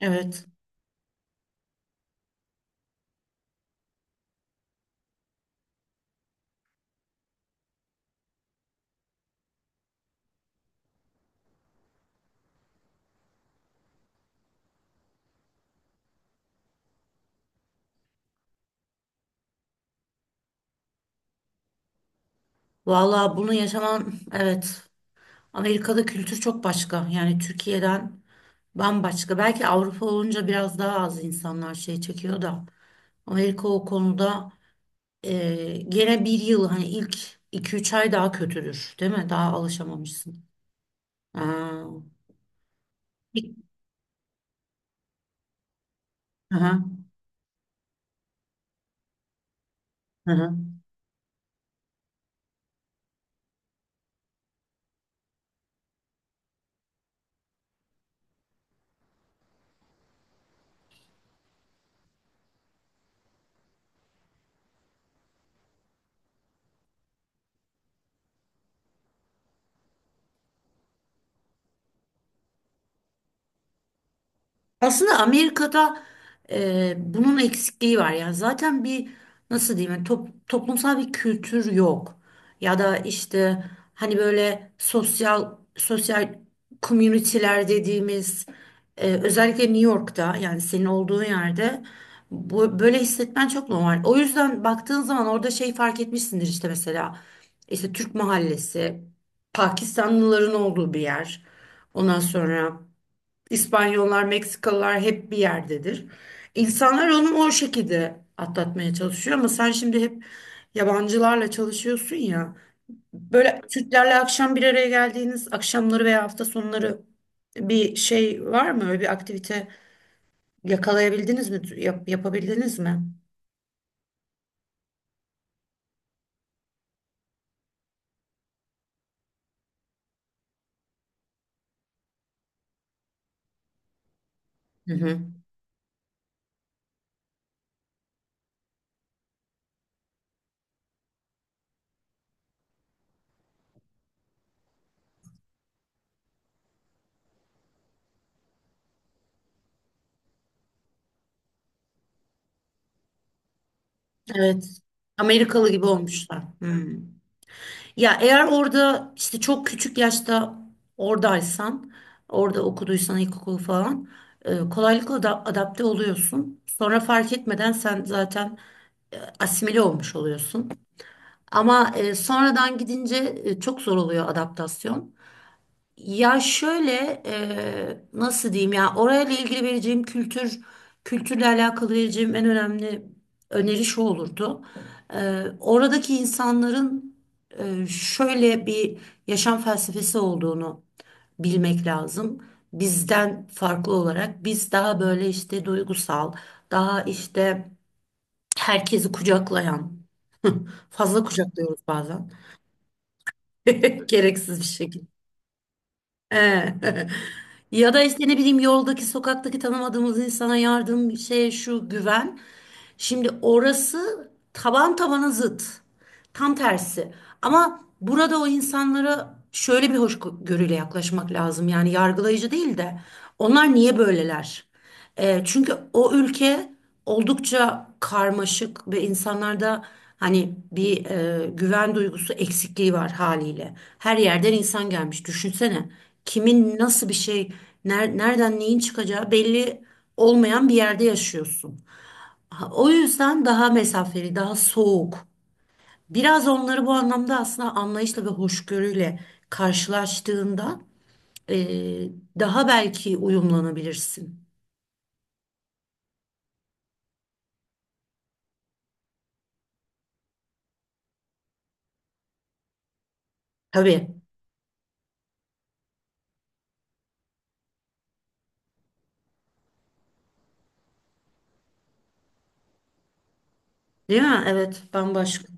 Evet. Vallahi bunu yaşaman evet. Amerika'da kültür çok başka. Yani Türkiye'den bambaşka. Belki Avrupa olunca biraz daha az insanlar şey çekiyor da. Amerika o konuda gene bir yıl hani ilk 2-3 ay daha kötüdür. Değil mi? Daha alışamamışsın. Aa. İlk- Hı hı. Hı hı. Aslında Amerika'da bunun eksikliği var. Yani zaten bir nasıl diyeyim yani toplumsal bir kültür yok. Ya da işte hani böyle sosyal sosyal community'ler dediğimiz özellikle New York'ta yani senin olduğun yerde bu böyle hissetmen çok normal. O yüzden baktığın zaman orada şey fark etmişsindir işte mesela işte Türk mahallesi, Pakistanlıların olduğu bir yer. Ondan sonra İspanyollar, Meksikalılar hep bir yerdedir. İnsanlar onu o şekilde atlatmaya çalışıyor ama sen şimdi hep yabancılarla çalışıyorsun ya. Böyle Türklerle akşam bir araya geldiğiniz akşamları veya hafta sonları bir şey var mı? Öyle bir aktivite yakalayabildiniz mi? Yapabildiniz mi? Hı hı. Evet. Amerikalı gibi olmuşlar. Hı. Ya eğer orada işte çok küçük yaşta oradaysan, orada okuduysan ilkokulu falan kolaylıkla da adapte oluyorsun. Sonra fark etmeden sen zaten asimile olmuş oluyorsun. Ama sonradan gidince çok zor oluyor adaptasyon. Ya şöyle nasıl diyeyim ya orayla ilgili vereceğim kültürle alakalı vereceğim en önemli öneri şu olurdu. Oradaki insanların şöyle bir yaşam felsefesi olduğunu bilmek lazım. Bizden farklı olarak biz daha böyle işte duygusal, daha işte herkesi kucaklayan, fazla kucaklıyoruz bazen gereksiz bir şekilde. He. Ya da işte ne bileyim yoldaki sokaktaki tanımadığımız insana yardım şey şu güven. Şimdi orası taban tabana zıt. Tam tersi. Ama burada o insanlara şöyle bir hoşgörüyle yaklaşmak lazım. Yani yargılayıcı değil de onlar niye böyleler? Çünkü o ülke oldukça karmaşık ve insanlarda hani bir güven duygusu eksikliği var haliyle. Her yerden insan gelmiş. Düşünsene kimin nasıl bir şey, nereden neyin çıkacağı belli olmayan bir yerde yaşıyorsun. Ha, o yüzden daha mesafeli, daha soğuk. Biraz onları bu anlamda aslında anlayışla ve hoşgörüyle karşılaştığında e, daha belki uyumlanabilirsin. Tabii, değil mi? Evet, bambaşka.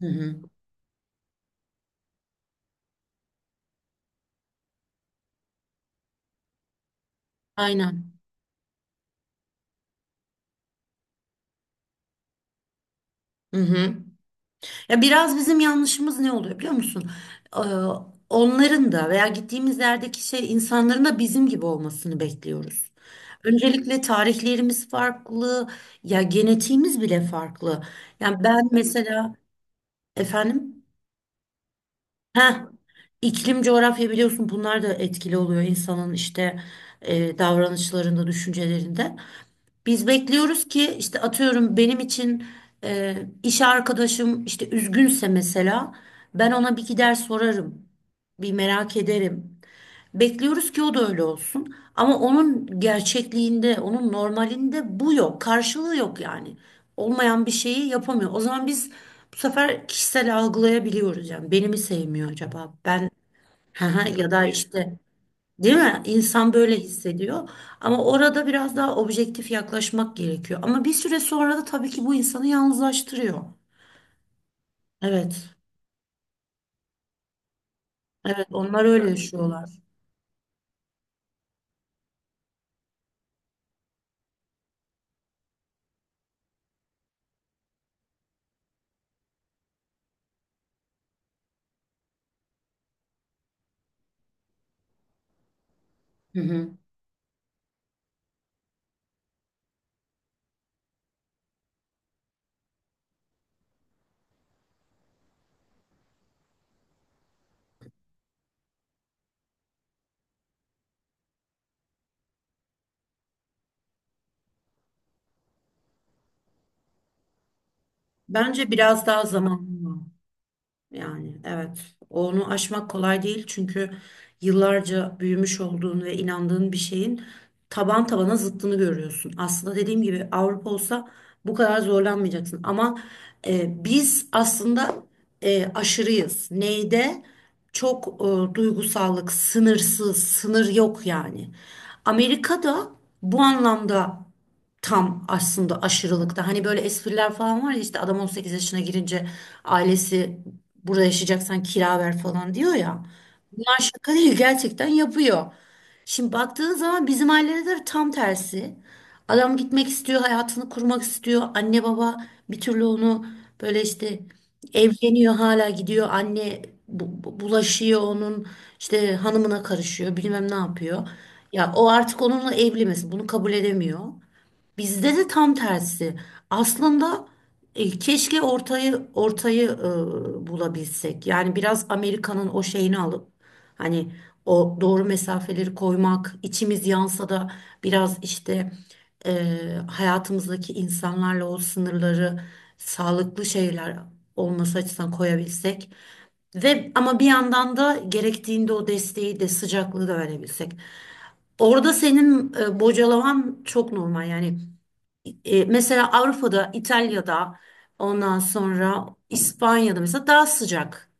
Hı hı. Aynen. Hı hı. Ya biraz bizim yanlışımız ne oluyor biliyor musun? Ee, Onların da veya gittiğimiz yerdeki şey insanların da bizim gibi olmasını bekliyoruz. Öncelikle tarihlerimiz farklı, ya genetiğimiz bile farklı. Yani ben mesela efendim, ha iklim coğrafya biliyorsun bunlar da etkili oluyor insanın işte davranışlarında, düşüncelerinde. Biz bekliyoruz ki işte atıyorum benim için e, iş arkadaşım işte üzgünse mesela ben ona bir gider sorarım. Bir merak ederim. Bekliyoruz ki o da öyle olsun. Ama onun gerçekliğinde, onun normalinde bu yok. Karşılığı yok yani. Olmayan bir şeyi yapamıyor. O zaman biz bu sefer kişisel algılayabiliyoruz yani. Beni mi sevmiyor acaba? Ben ya da işte. Değil mi? İnsan böyle hissediyor. Ama orada biraz daha objektif yaklaşmak gerekiyor. Ama bir süre sonra da tabii ki bu insanı yalnızlaştırıyor. Evet. Evet, onlar öyle yani yaşıyorlar. Hı hı. Bence biraz daha zamanlı. Yani evet onu aşmak kolay değil çünkü yıllarca büyümüş olduğun ve inandığın bir şeyin taban tabana zıttını görüyorsun. Aslında dediğim gibi Avrupa olsa bu kadar zorlanmayacaksın ama biz aslında aşırıyız. Neyde? Çok duygusallık, sınırsız, sınır yok yani. Amerika'da bu anlamda tam aslında aşırılıkta. Hani böyle espriler falan var ya işte adam 18 yaşına girince ailesi burada yaşayacaksan kira ver falan diyor ya. Bunlar şaka değil gerçekten yapıyor. Şimdi baktığın zaman bizim ailede de tam tersi. Adam gitmek istiyor, hayatını kurmak istiyor. Anne baba bir türlü onu böyle işte evleniyor hala gidiyor. Anne bulaşıyor onun işte hanımına karışıyor bilmem ne yapıyor. Ya o artık onunla evli mesela bunu kabul edemiyor. Bizde de tam tersi. Aslında keşke ortayı ortayı bulabilsek. Yani biraz Amerika'nın o şeyini alıp hani o doğru mesafeleri koymak, içimiz yansa da biraz işte e, hayatımızdaki insanlarla o sınırları sağlıklı şeyler olması açısından koyabilsek ve ama bir yandan da gerektiğinde o desteği de sıcaklığı da verebilsek. Orada senin bocalaman çok normal yani mesela Avrupa'da, İtalya'da, ondan sonra İspanya'da mesela daha sıcak.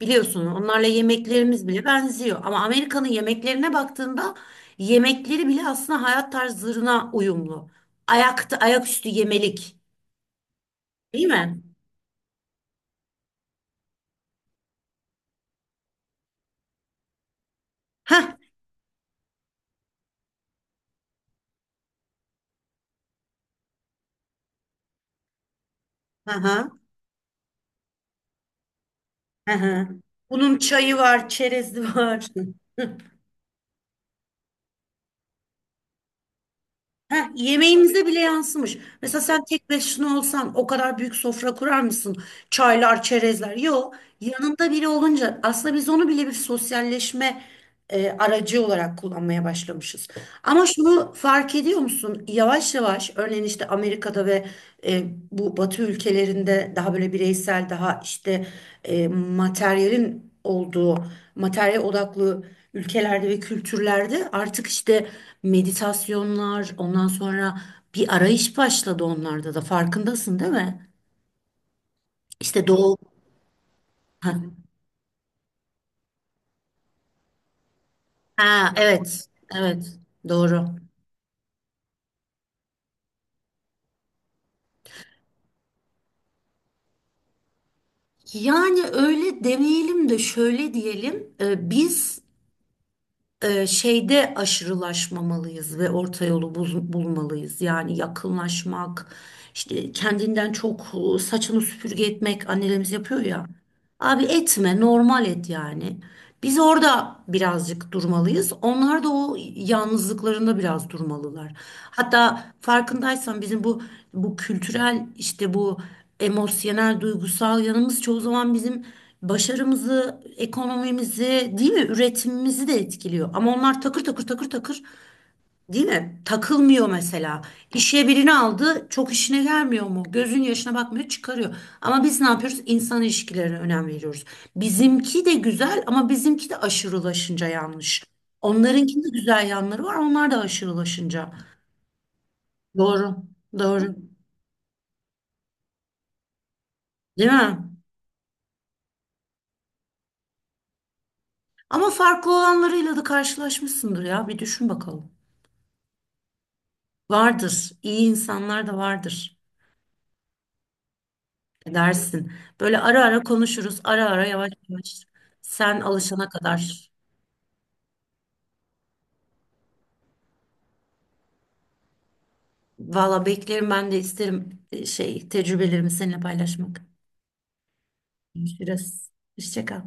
Biliyorsun onlarla yemeklerimiz bile benziyor. Ama Amerika'nın yemeklerine baktığında yemekleri bile aslında hayat tarzlarına uyumlu. Ayakta, ayaküstü yemelik. Değil mi? Heh. Hı hı. Bunun çayı var, çerezi var. Heh, yemeğimize bile yansımış. Mesela sen tek başına olsan o kadar büyük sofra kurar mısın? Çaylar, çerezler. Yok. Yanında biri olunca aslında biz onu bile bir sosyalleşme aracı olarak kullanmaya başlamışız. Ama şunu fark ediyor musun? Yavaş yavaş örneğin işte Amerika'da ve e, bu Batı ülkelerinde daha böyle bireysel, daha işte materyalin olduğu, materyal odaklı ülkelerde ve kültürlerde artık işte meditasyonlar, ondan sonra bir arayış başladı onlarda da. Farkındasın değil mi? İşte doğu. Ha, ha, evet, evet, doğru. Yani öyle demeyelim de şöyle diyelim. Biz şeyde aşırılaşmamalıyız ve orta yolu bulmalıyız. Yani yakınlaşmak, işte kendinden çok saçını süpürge etmek annelerimiz yapıyor ya. Abi etme, normal et yani. Biz orada birazcık durmalıyız. Onlar da o yalnızlıklarında biraz durmalılar. Hatta farkındaysan bizim bu kültürel işte bu emosyonel duygusal yanımız çoğu zaman bizim başarımızı, ekonomimizi, değil mi, üretimimizi de etkiliyor. Ama onlar takır takır takır takır, değil mi? Takılmıyor mesela. İşe birini aldı, çok işine gelmiyor mu? Gözün yaşına bakmıyor, çıkarıyor. Ama biz ne yapıyoruz? İnsan ilişkilerine önem veriyoruz. Bizimki de güzel ama bizimki de aşırılaşınca yanlış. Onlarınkinde güzel yanları var, onlar da aşırılaşınca. Doğru, doğru. Değil mi? Ama farklı olanlarıyla da karşılaşmışsındır ya. Bir düşün bakalım. Vardır. İyi insanlar da vardır. Edersin. Böyle ara ara konuşuruz. Ara ara yavaş yavaş. Sen alışana kadar. Valla beklerim ben de isterim şey tecrübelerimi seninle paylaşmak. Görüşürüz. Hoşça kal.